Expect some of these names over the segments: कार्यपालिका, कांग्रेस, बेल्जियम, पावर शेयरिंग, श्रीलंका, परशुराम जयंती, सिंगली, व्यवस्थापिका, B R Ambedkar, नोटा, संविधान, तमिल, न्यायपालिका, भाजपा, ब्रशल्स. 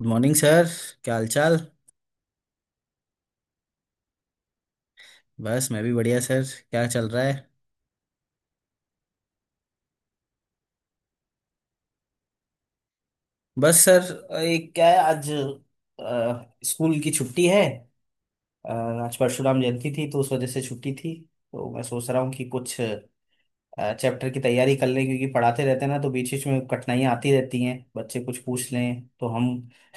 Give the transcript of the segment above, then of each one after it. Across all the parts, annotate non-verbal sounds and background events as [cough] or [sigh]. Good morning sir. क्या हालचाल। बस मैं भी बढ़िया सर। क्या चल रहा है। बस सर एक क्या है आज स्कूल की छुट्टी है। अ, आज परशुराम जयंती थी तो उस वजह से छुट्टी थी। तो मैं सोच रहा हूँ कि कुछ चैप्टर की तैयारी कर लें, क्योंकि पढ़ाते रहते हैं ना तो बीच बीच में कठिनाइयाँ आती रहती हैं, बच्चे कुछ पूछ लें तो हम।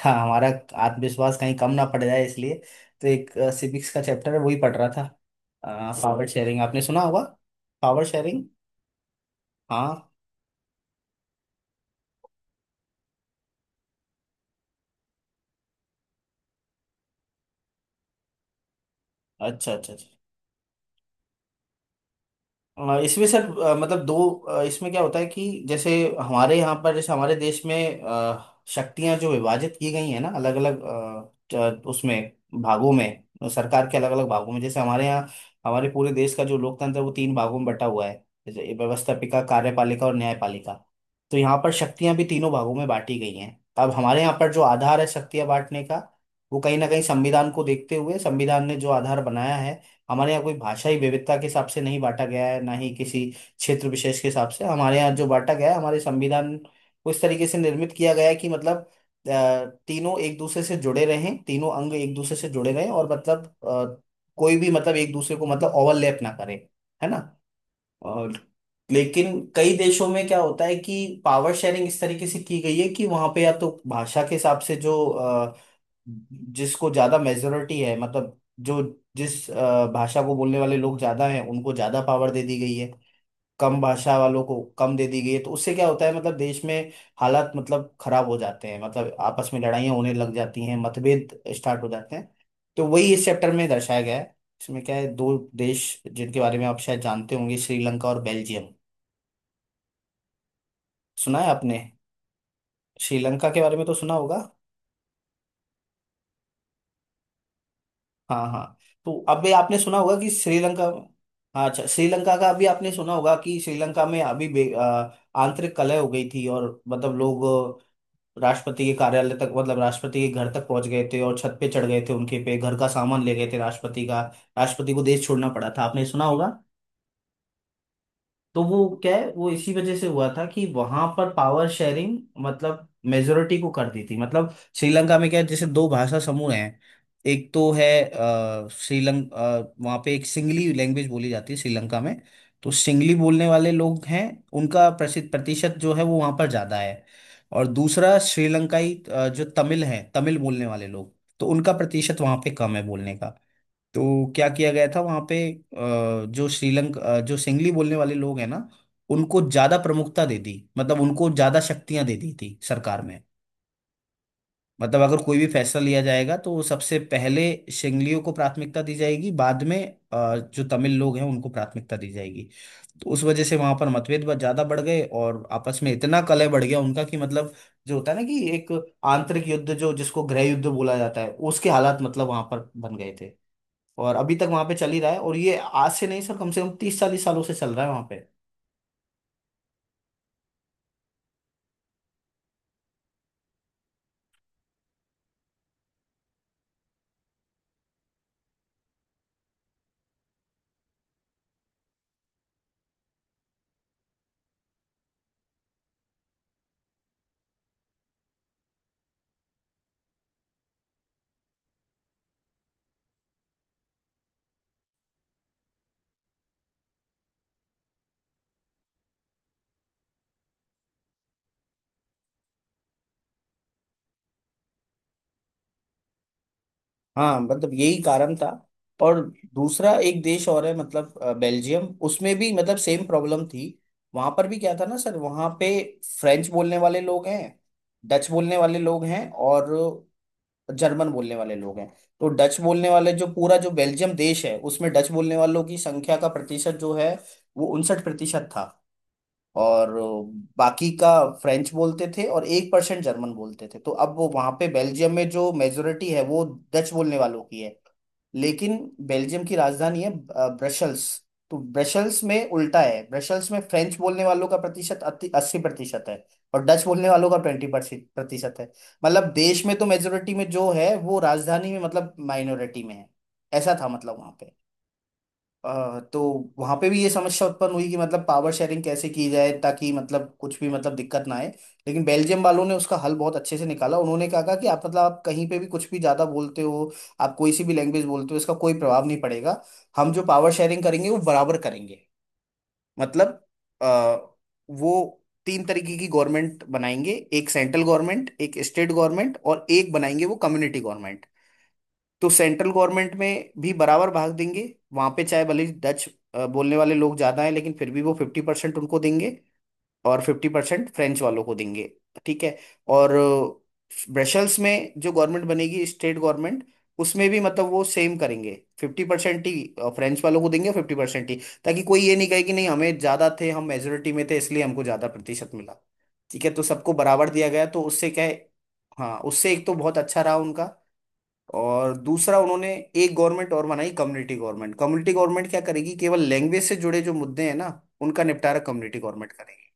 हाँ, हमारा आत्मविश्वास कहीं कम ना पड़ जाए इसलिए। तो एक सिविक्स का चैप्टर है, वही पढ़ रहा था। पावर शेयरिंग आपने सुना होगा। पावर शेयरिंग। हाँ। अच्छा अच्छा अच्छा। इसमें सर, मतलब दो, इसमें क्या होता है कि जैसे हमारे यहाँ पर, जैसे हमारे देश में शक्तियां जो विभाजित की गई है ना अलग अलग, उसमें भागों में, सरकार के अलग अलग भागों में, जैसे हमारे यहाँ। हमारे पूरे देश का जो लोकतंत्र है वो तीन भागों में बटा हुआ है। जैसे व्यवस्थापिका, कार्यपालिका और न्यायपालिका। तो यहाँ पर शक्तियां भी तीनों भागों में बांटी गई हैं। तो अब हमारे यहाँ पर जो आधार है शक्तियां बांटने का, वो कहीं ना कहीं संविधान को देखते हुए, संविधान ने जो आधार बनाया है। हमारे यहाँ कोई भाषाई विविधता के हिसाब से नहीं बांटा गया है, ना ही किसी क्षेत्र विशेष के हिसाब से। हमारे यहाँ जो बांटा गया है, हमारे संविधान को इस तरीके से निर्मित किया गया है कि मतलब तीनों एक दूसरे से जुड़े रहें, तीनों अंग एक दूसरे से जुड़े रहें, और मतलब कोई भी मतलब एक दूसरे को मतलब ओवरलैप ना करे। है ना। और लेकिन कई देशों में क्या होता है कि पावर शेयरिंग इस तरीके से की गई है कि वहां पे या तो भाषा के हिसाब से, जो जिसको ज्यादा मेजोरिटी है, मतलब जो जिस भाषा को बोलने वाले लोग ज्यादा हैं उनको ज्यादा पावर दे दी गई है। कम भाषा वालों को कम दे दी गई है। तो उससे क्या होता है, मतलब देश में हालात मतलब खराब हो जाते हैं। मतलब आपस में लड़ाइयाँ होने लग जाती हैं, मतभेद स्टार्ट हो जाते हैं। तो वही इस चैप्टर में दर्शाया गया है। इसमें क्या है, दो देश जिनके बारे में आप शायद जानते होंगे, श्रीलंका और बेल्जियम। सुना है आपने। श्रीलंका के बारे में तो सुना होगा। हाँ हाँ। तो अभी आपने सुना होगा कि श्रीलंका। हाँ, अच्छा श्रीलंका का। अभी आपने सुना होगा कि श्रीलंका में अभी आंतरिक कलह हो गई थी, और मतलब लोग राष्ट्रपति के कार्यालय तक, मतलब राष्ट्रपति के घर तक पहुंच गए थे, और छत पे चढ़ गए थे उनके पे, घर का सामान ले गए थे राष्ट्रपति का। राष्ट्रपति को देश छोड़ना पड़ा था, आपने सुना होगा। तो वो क्या है, वो इसी वजह से हुआ था कि वहां पर पावर शेयरिंग मतलब मेजोरिटी को कर दी थी। मतलब श्रीलंका में क्या है, जैसे दो भाषा समूह हैं। एक तो है। श्रीलंक वहाँ पे एक सिंगली लैंग्वेज बोली जाती है श्रीलंका में। तो सिंगली बोलने वाले लोग हैं। उनका प्रसिद्ध प्रतिशत जो है, वो वहाँ पर ज़्यादा है। और दूसरा श्रीलंकाई जो तमिल है, तमिल बोलने वाले लोग। तो उनका प्रतिशत वहाँ पे कम है बोलने का। तो क्या किया गया था वहां पे, जो श्रीलंका जो सिंगली बोलने वाले लोग हैं ना, उनको ज्यादा प्रमुखता दे दी, मतलब उनको ज्यादा शक्तियां दे दी थी सरकार में। मतलब अगर कोई भी फैसला लिया जाएगा तो सबसे पहले सिंगलियों को प्राथमिकता दी जाएगी, बाद में जो तमिल लोग हैं उनको प्राथमिकता दी जाएगी। तो उस वजह से वहां पर मतभेद बहुत ज्यादा बढ़ गए, और आपस में इतना कलह बढ़ गया उनका कि मतलब जो होता है ना कि एक आंतरिक युद्ध, जो जिसको गृह युद्ध बोला जाता है, उसके हालात मतलब वहां पर बन गए थे। और अभी तक वहां पे चल ही रहा है, और ये आज से नहीं सर, कम से कम तीस चालीस सालों से चल रहा है वहां पे। हाँ, मतलब यही कारण था। और दूसरा एक देश और है, मतलब बेल्जियम, उसमें भी मतलब सेम प्रॉब्लम थी। वहां पर भी क्या था ना सर, वहां पे फ्रेंच बोलने वाले लोग हैं, डच बोलने वाले लोग हैं, और जर्मन बोलने वाले लोग हैं। तो डच बोलने वाले जो पूरा जो बेल्जियम देश है, उसमें डच बोलने वालों की संख्या का प्रतिशत जो है, वो 59% था। और बाकी का फ्रेंच बोलते थे, और 1% जर्मन बोलते थे। तो अब वो वहां पे बेल्जियम में जो मेजोरिटी है वो डच बोलने वालों की है। लेकिन बेल्जियम की राजधानी है ब्रशल्स। तो ब्रशल्स में उल्टा है। ब्रशल्स में फ्रेंच बोलने वालों का प्रतिशत 80% है, और डच बोलने वालों का 20% है। मतलब देश में तो मेजोरिटी में जो है, वो राजधानी में मतलब माइनॉरिटी में है। ऐसा था मतलब वहां पे। तो वहां पे भी ये समस्या उत्पन्न हुई कि मतलब पावर शेयरिंग कैसे की जाए, ताकि मतलब कुछ भी मतलब दिक्कत ना आए। लेकिन बेल्जियम वालों ने उसका हल बहुत अच्छे से निकाला। उन्होंने कहा कहा कि आप मतलब आप कहीं पे भी कुछ भी ज्यादा बोलते हो। आप कोई सी भी लैंग्वेज बोलते हो, इसका कोई प्रभाव नहीं पड़ेगा। हम जो पावर शेयरिंग करेंगे वो बराबर करेंगे। मतलब अ, वो तीन तरीके की गवर्नमेंट बनाएंगे। एक सेंट्रल गवर्नमेंट, एक स्टेट गवर्नमेंट, और एक बनाएंगे वो कम्युनिटी गवर्नमेंट। तो सेंट्रल गवर्नमेंट में भी बराबर भाग देंगे। वहां पे चाहे भले ही डच बोलने वाले लोग ज्यादा हैं, लेकिन फिर भी वो 50% उनको देंगे। और 50% फ्रेंच वालों को देंगे। ठीक है। और ब्रसेल्स में जो गवर्नमेंट बनेगी स्टेट गवर्नमेंट, उसमें भी मतलब वो सेम करेंगे। 50% ही फ्रेंच वालों को देंगे, और 50% ही, ताकि कोई ये नहीं कहे कि नहीं, हमें ज्यादा थे, हम मेजोरिटी में थे, इसलिए हमको ज्यादा प्रतिशत मिला। ठीक है, तो सबको बराबर दिया गया, तो उससे क्या है। हाँ, उससे एक तो बहुत अच्छा रहा उनका। और दूसरा उन्होंने एक गवर्नमेंट और बनाई, कम्युनिटी गवर्नमेंट। कम्युनिटी गवर्नमेंट क्या करेगी, केवल लैंग्वेज से जुड़े जो मुद्दे हैं ना, उनका निपटारा कम्युनिटी गवर्नमेंट करेगी।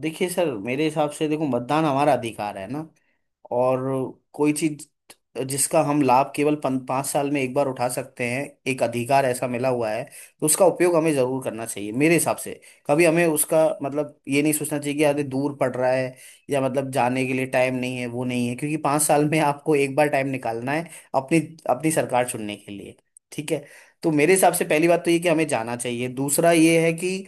देखिए सर, मेरे हिसाब से देखो, मतदान हमारा अधिकार है ना। और कोई चीज जिसका हम लाभ केवल 5 साल में एक बार उठा सकते हैं। एक अधिकार ऐसा मिला हुआ है। तो उसका उपयोग हमें जरूर करना चाहिए मेरे हिसाब से। कभी हमें उसका मतलब ये नहीं सोचना चाहिए कि अरे दूर पड़ रहा है, या मतलब जाने के लिए टाइम नहीं है, वो नहीं है। क्योंकि 5 साल में आपको एक बार टाइम निकालना है अपनी अपनी सरकार चुनने के लिए। ठीक है। तो मेरे हिसाब से पहली बात तो ये कि हमें जाना चाहिए, दूसरा ये है कि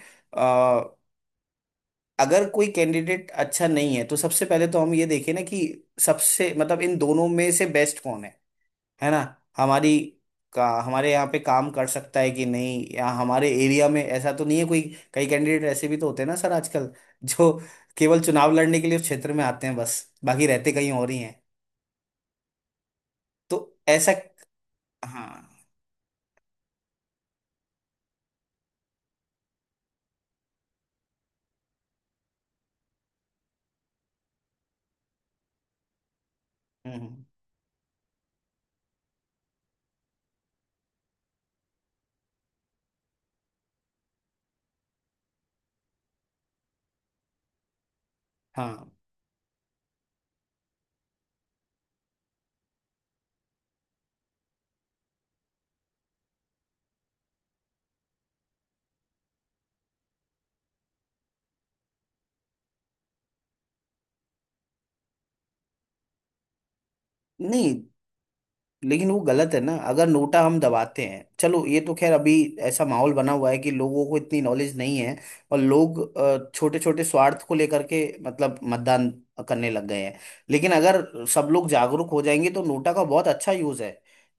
अगर कोई कैंडिडेट अच्छा नहीं है, तो सबसे पहले तो हम ये देखें ना कि सबसे मतलब इन दोनों में से बेस्ट कौन है। है ना। हमारी का हमारे यहाँ पे काम कर सकता है कि नहीं, या हमारे एरिया में ऐसा तो नहीं है कोई। कई कैंडिडेट ऐसे भी तो होते हैं ना सर आजकल [laughs] जो केवल चुनाव लड़ने के लिए उस क्षेत्र में आते हैं, बस बाकी रहते कहीं और ही हैं। तो ऐसा। हाँ हाँ। हम्म। हाँ नहीं, लेकिन वो गलत है ना। अगर नोटा हम दबाते हैं, चलो ये तो खैर अभी ऐसा माहौल बना हुआ है कि लोगों को इतनी नॉलेज नहीं है। और लोग छोटे छोटे स्वार्थ को लेकर के मतलब मतदान करने लग गए हैं। लेकिन अगर सब लोग जागरूक हो जाएंगे तो नोटा का बहुत अच्छा यूज है।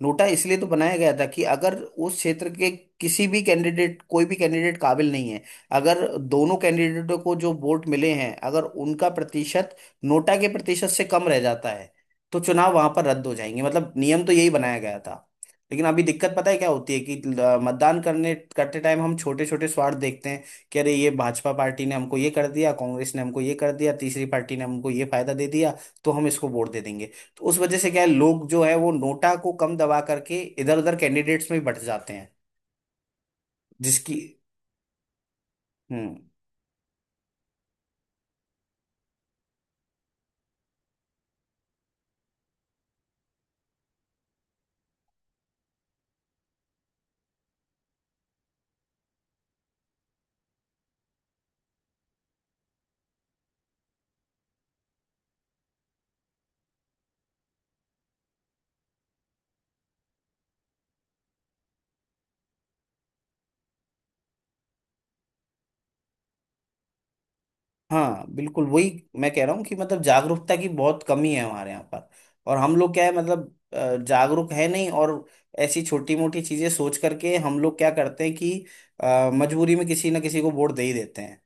नोटा इसलिए तो बनाया गया था कि अगर उस क्षेत्र के किसी भी कैंडिडेट, कोई भी कैंडिडेट काबिल नहीं है, अगर दोनों कैंडिडेटों को जो वोट मिले हैं, अगर उनका प्रतिशत नोटा के प्रतिशत से कम रह जाता है, तो चुनाव वहां पर रद्द हो जाएंगे, मतलब नियम तो यही बनाया गया था। लेकिन अभी दिक्कत पता है क्या होती है कि मतदान करने करते टाइम हम छोटे छोटे स्वार्थ देखते हैं, कि अरे ये भाजपा पार्टी ने हमको ये कर दिया, कांग्रेस ने हमको ये कर दिया, तीसरी पार्टी ने हमको ये फायदा दे दिया, तो हम इसको वोट दे देंगे। तो उस वजह से क्या है, लोग जो है वो नोटा को कम दबा करके इधर उधर कैंडिडेट्स में ही बट जाते हैं। जिसकी। हम्म। हाँ, बिल्कुल वही मैं कह रहा हूँ कि मतलब जागरूकता की बहुत कमी है हमारे यहाँ पर। और हम लोग क्या है, मतलब जागरूक है नहीं, और ऐसी छोटी मोटी चीजें सोच करके हम लोग क्या करते हैं कि मजबूरी में किसी ना किसी को वोट दे ही देते हैं।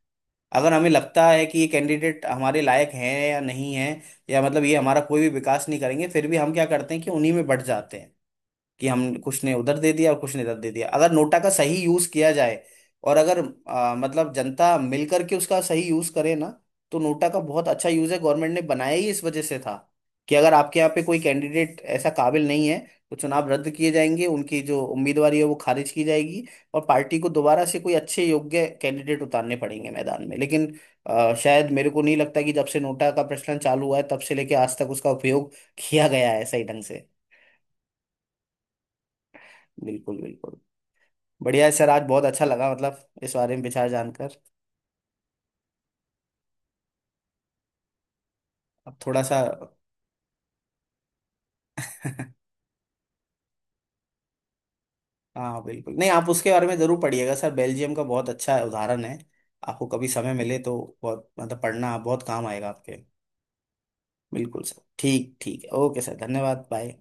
अगर हमें लगता है कि ये कैंडिडेट हमारे लायक है या नहीं है, या मतलब ये हमारा कोई भी विकास नहीं करेंगे, फिर भी हम क्या करते हैं कि उन्हीं में बढ़ जाते हैं, कि हम कुछ ने उधर दे दिया और कुछ ने इधर दे दिया। अगर नोटा का सही यूज किया जाए, और अगर मतलब जनता मिल करके उसका सही यूज करे ना, तो नोटा का बहुत अच्छा यूज है। गवर्नमेंट ने बनाया ही इस वजह से था कि अगर आपके यहाँ पे कोई कैंडिडेट ऐसा काबिल नहीं है, तो चुनाव रद्द किए जाएंगे, उनकी जो उम्मीदवारी है वो खारिज की जाएगी। और पार्टी को दोबारा से कोई अच्छे योग्य कैंडिडेट उतारने पड़ेंगे मैदान में। लेकिन शायद मेरे को नहीं लगता कि जब से नोटा का प्रचलन चालू हुआ है, तब से लेके आज तक उसका उपयोग किया गया है सही ढंग से। बिल्कुल बिल्कुल। बढ़िया है सर, आज बहुत अच्छा लगा मतलब इस बारे में विचार जानकर। अब थोड़ा सा। [laughs] हाँ बिल्कुल, नहीं आप उसके बारे में ज़रूर पढ़िएगा सर, बेल्जियम का बहुत अच्छा उदाहरण है। आपको कभी समय मिले तो बहुत मतलब पढ़ना बहुत काम आएगा आपके। बिल्कुल सर, ठीक ठीक, ओके सर, धन्यवाद, बाय।